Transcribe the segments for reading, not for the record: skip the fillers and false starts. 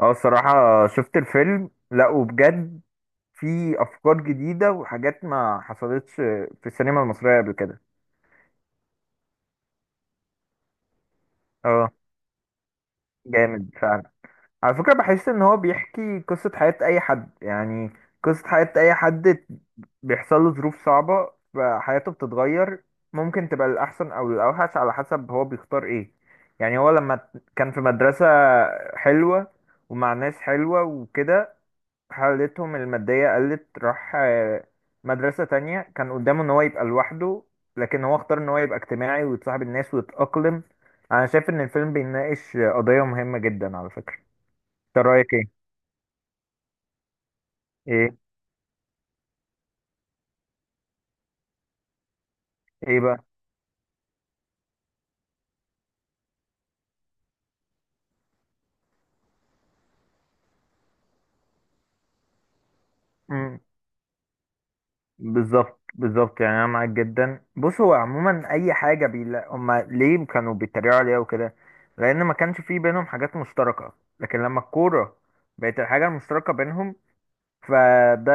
اه، الصراحة شفت الفيلم، لا وبجد في أفكار جديدة وحاجات ما حصلتش في السينما المصرية قبل كده. اه، جامد فعلا. على فكرة بحس إن هو بيحكي قصة حياة أي حد، يعني قصة حياة أي حد بيحصل له ظروف صعبة فحياته بتتغير، ممكن تبقى للأحسن أو للأوحش على حسب هو بيختار إيه. يعني هو لما كان في مدرسة حلوة ومع ناس حلوة وكده، حالتهم المادية قلت، راح مدرسة تانية. كان قدامه ان هو يبقى لوحده، لكن هو اختار ان هو يبقى اجتماعي ويتصاحب الناس ويتأقلم. انا شايف ان الفيلم بيناقش قضية مهمة جدا على فكرة، انت رأيك ايه؟ ايه، ايه بقى؟ مم. بالظبط بالظبط، يعني انا معاك جدا. بص هو عموما اي حاجة بيلا هما ليه كانوا بيتريقوا عليها وكده، لان ما كانش في بينهم حاجات مشتركة، لكن لما الكورة بقت الحاجة المشتركة بينهم فده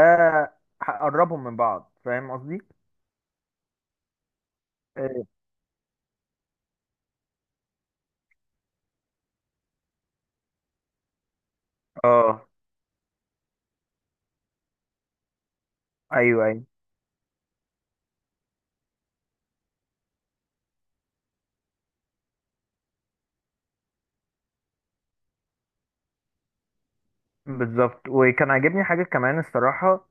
هقربهم من بعض، فاهم قصدي؟ إيه. اه، ايوه ايوه بالظبط. وكان عاجبني حاجه كمان الصراحه،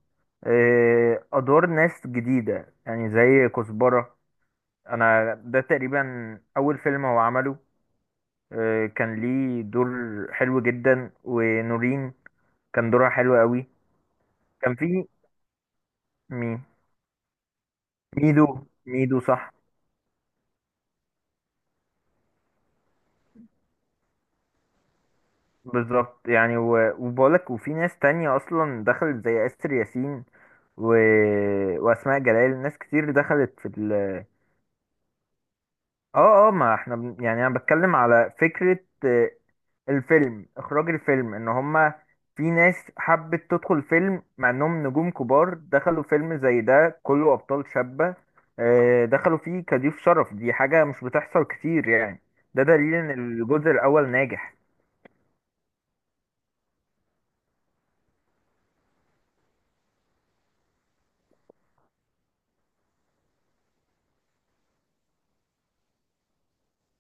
ادوار ناس جديده يعني زي كزبره. انا ده تقريبا اول فيلم هو عمله، كان ليه دور حلو جدا. ونورين كان دورها حلو قوي. كان في مين؟ ميدو. ميدو صح. بالظبط يعني وبقولك، وفي ناس تانية اصلا دخلت زي اسر ياسين و... واسماء جلال. ناس كتير دخلت في اه اه، ما احنا بن... يعني انا بتكلم على فكرة. الفيلم، اخراج الفيلم ان هما في ناس حبت تدخل فيلم مع انهم نجوم كبار، دخلوا فيلم زي ده كله ابطال شابة. دخلوا فيه كضيوف شرف، دي حاجة مش بتحصل كتير يعني. ده دليل ان الجزء الاول ناجح.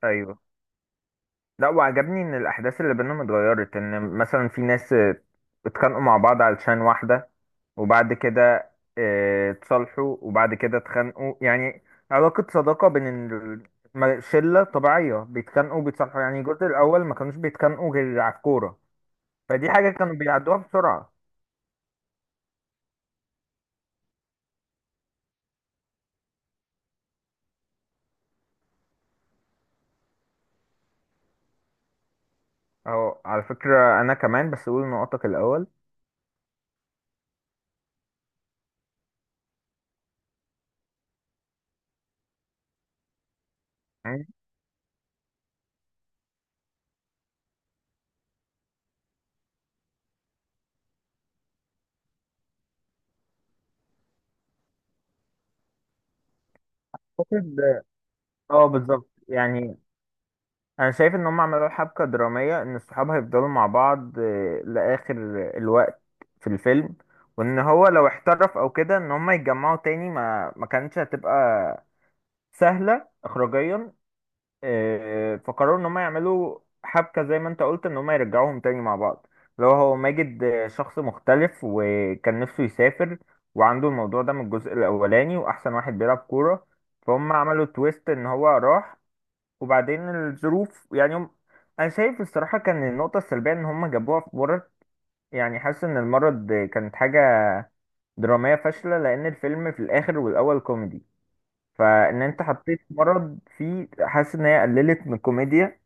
ايوه، لا وعجبني ان الاحداث اللي بينهم اتغيرت، ان مثلا في ناس اتخانقوا مع بعض علشان واحدة، وبعد كده اتصالحوا، وبعد كده اتخانقوا، يعني علاقة صداقة بين ال- شلة طبيعية بيتخانقوا وبيتصالحوا. يعني الجزء الأول ما كانوش بيتخانقوا غير على الكورة، فدي حاجة كانوا بيعدوها بسرعة. أو على فكرة أنا كمان بس أقول نقطك الأول، يعني أعتقد اه بالظبط. يعني انا شايف ان هم عملوا حبكة درامية، ان الصحاب هيفضلوا مع بعض لاخر الوقت في الفيلم، وان هو لو احترف او كده ان هم يتجمعوا تاني ما كانتش هتبقى سهلة اخراجيا. فقرروا ان هم يعملوا حبكة زي ما انت قلت، ان هم يرجعوهم تاني مع بعض. لو هو ماجد شخص مختلف وكان نفسه يسافر، وعنده الموضوع ده من الجزء الاولاني، واحسن واحد بيلعب كورة، فهم عملوا تويست ان هو راح وبعدين الظروف. يعني هم، انا شايف الصراحه كان النقطه السلبيه ان هم جابوها في مرض. يعني حاسس ان المرض كانت حاجه دراميه فاشله، لان الفيلم في الاخر والاول كوميدي، فان انت حطيت مرض فيه، حاسس ان هي قللت من الكوميديا.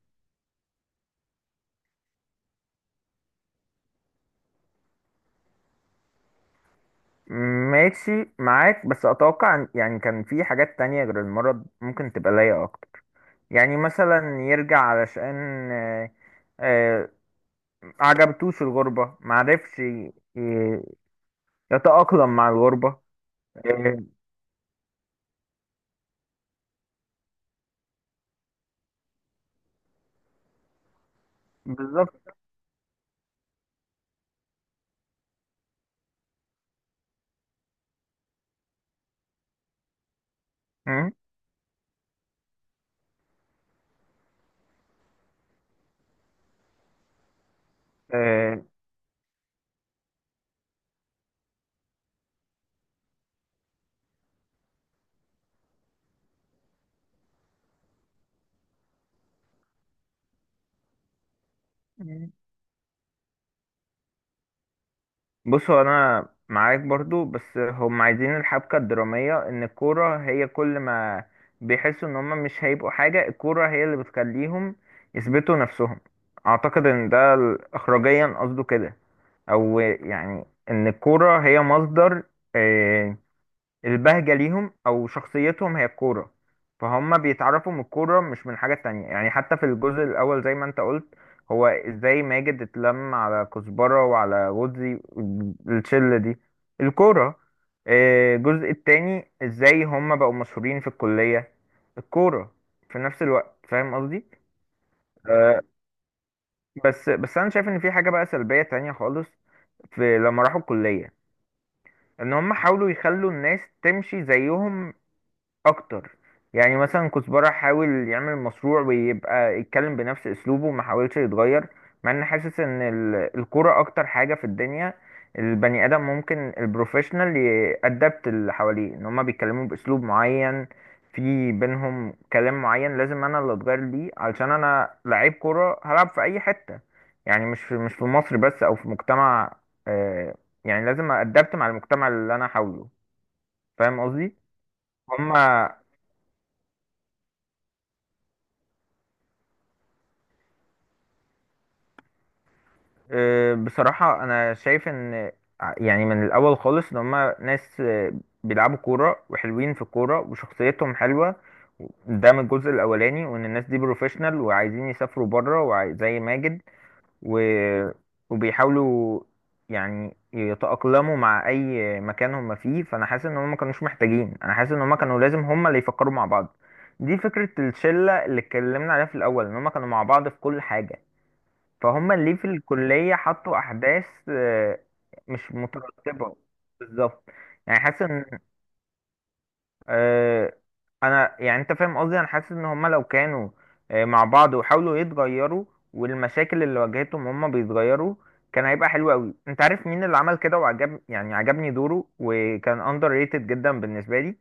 ماشي معاك، بس اتوقع يعني كان في حاجات تانية غير المرض ممكن تبقى لايقه اكتر. يعني مثلا يرجع علشان آه، آه، عجبتوش الغربه، معرفش يتأقلم مع الغربة. آه، بالظبط. مم. آه، مم. بص هو انا معاك برضو، بس هم عايزين الحبكة الدرامية ان الكورة هي كل ما بيحسوا ان هم مش هيبقوا حاجة، الكورة هي اللي بتخليهم يثبتوا نفسهم. اعتقد ان ده اخراجيا قصده كده، او يعني ان الكورة هي مصدر آه، البهجة ليهم، أو شخصيتهم هي الكورة. فهم بيتعرفوا من الكورة مش من حاجة تانية. يعني حتى في الجزء الأول زي ما أنت قلت، هو إزاي ماجد اتلم على كزبرة وعلى غوزي الشلة دي؟ الكورة. الجزء التاني إزاي هم بقوا مشهورين في الكلية؟ الكورة. في نفس الوقت، فاهم قصدي؟ آه، بس أنا شايف إن في حاجة بقى سلبية تانية خالص في لما راحوا الكلية، ان هم حاولوا يخلوا الناس تمشي زيهم اكتر. يعني مثلا كزبرة حاول يعمل مشروع، ويبقى يتكلم بنفس اسلوبه وما حاولش يتغير، مع ان حاسس ان الكرة اكتر حاجة في الدنيا البني ادم ممكن البروفيشنال يأدبت اللي حواليه. ان هما بيتكلموا باسلوب معين، في بينهم كلام معين، لازم انا اللي اتغير ليه، علشان انا لعيب كرة هلعب في اي حتة، يعني مش في مصر بس او في مجتمع. آه، يعني لازم أدبت مع المجتمع اللي انا حوله، فاهم قصدي؟ هما أه، بصراحة أنا شايف إن يعني من الأول خالص إن هما ناس بيلعبوا كورة وحلوين في الكورة وشخصيتهم حلوة، ده من الجزء الأولاني، وإن الناس دي بروفيشنال وعايزين يسافروا بره، زي ماجد و... وبيحاولوا يعني يتأقلموا مع أي مكان هما فيه. فأنا حاسس إن هما ما كانوش محتاجين، أنا حاسس إن هما كانوا لازم هما اللي يفكروا مع بعض، دي فكرة الشلة اللي اتكلمنا عليها في الأول إن هما كانوا مع بعض في كل حاجة. فهم ليه في الكلية حطوا أحداث مش مترتبة؟ بالظبط. يعني حاسس إن آه، أنا يعني أنت فاهم قصدي، أنا حاسس إن هم لو كانوا مع بعض وحاولوا يتغيروا، والمشاكل اللي واجهتهم هم بيتغيروا، كان هيبقى حلو أوي. أنت عارف مين اللي عمل كده وعجب، يعني عجبني دوره وكان أندر ريتد جدا بالنسبة لي؟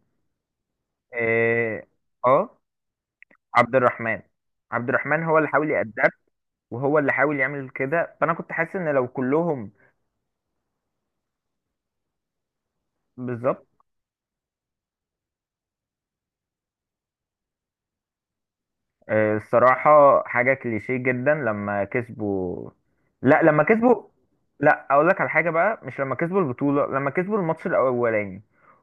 آه. آه، عبد الرحمن. عبد الرحمن هو اللي حاول يأدب وهو اللي حاول يعمل كده، فأنا كنت حاسس إن لو كلهم. بالظبط. الصراحة حاجة كليشيه جدا، لما كسبوا. لا لما كسبوا، لا اقول لك على حاجة بقى، مش لما كسبوا البطولة، لما كسبوا الماتش الاولاني،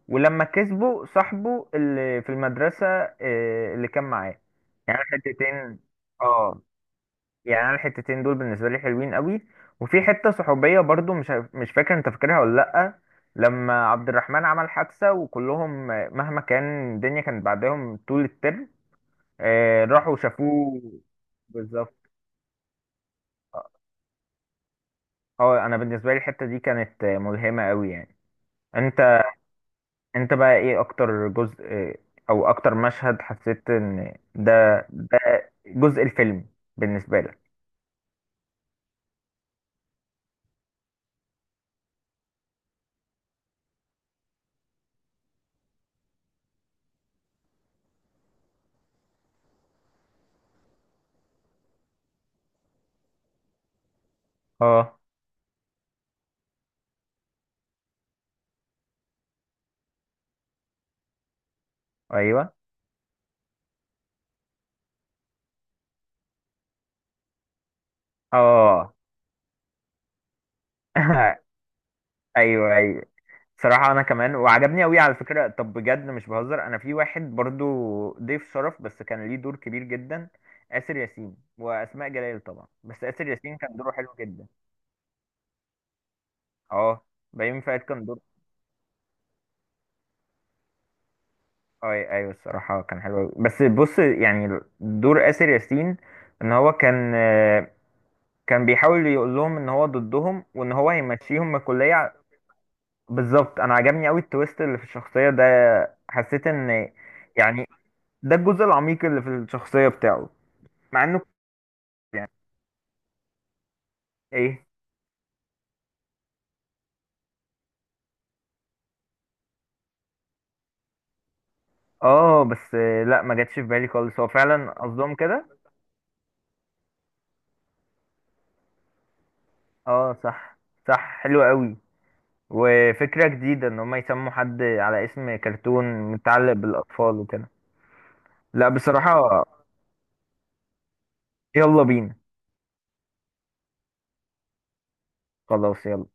ولما كسبوا صاحبه اللي في المدرسة اللي كان معاه. يعني أنا الحتتين، اه يعني انا الحتتين دول بالنسبة لي حلوين قوي. وفي حتة صحوبية برضو مش فاكر انت فاكرها ولا لأ، لما عبد الرحمن عمل حادثة، وكلهم مهما كان الدنيا كانت بعدهم طول الترم، راحوا شافوه. بالظبط. اه. انا بالنسبه لي الحته دي كانت ملهمه قوي يعني. انت، انت بقى ايه اكتر جزء او اكتر مشهد حسيت ان ده، ده جزء الفيلم بالنسبه لك؟ اه، ايوه اه. ايوه ايوه. صراحه انا كمان، وعجبني قوي على فكره، طب بجد مش بهزر، انا في واحد برضو ضيف شرف بس كان ليه دور كبير جدا، آسر ياسين وأسماء جلال طبعا، بس آسر ياسين كان دوره حلو جدا. اه، بيومي فؤاد كان دور. اي ايوه الصراحه كان حلو أوي. بس بص، يعني دور اسر ياسين ان هو كان كان بيحاول يقول لهم ان هو ضدهم، وان هو هيمشيهم من الكليه. بالظبط، انا عجبني قوي التويست اللي في الشخصيه ده. حسيت ان، يعني ده الجزء العميق اللي في الشخصيه بتاعه. مع انه، يعني ايه؟ اه بس لا ما جاتش في بالي خالص. هو فعلا قصدهم كده. اه صح، صح حلو قوي. وفكرة جديدة ان هم يسموا حد على اسم كرتون متعلق بالاطفال وكده. لا بصراحة، يلا بينا. خلاص يلا.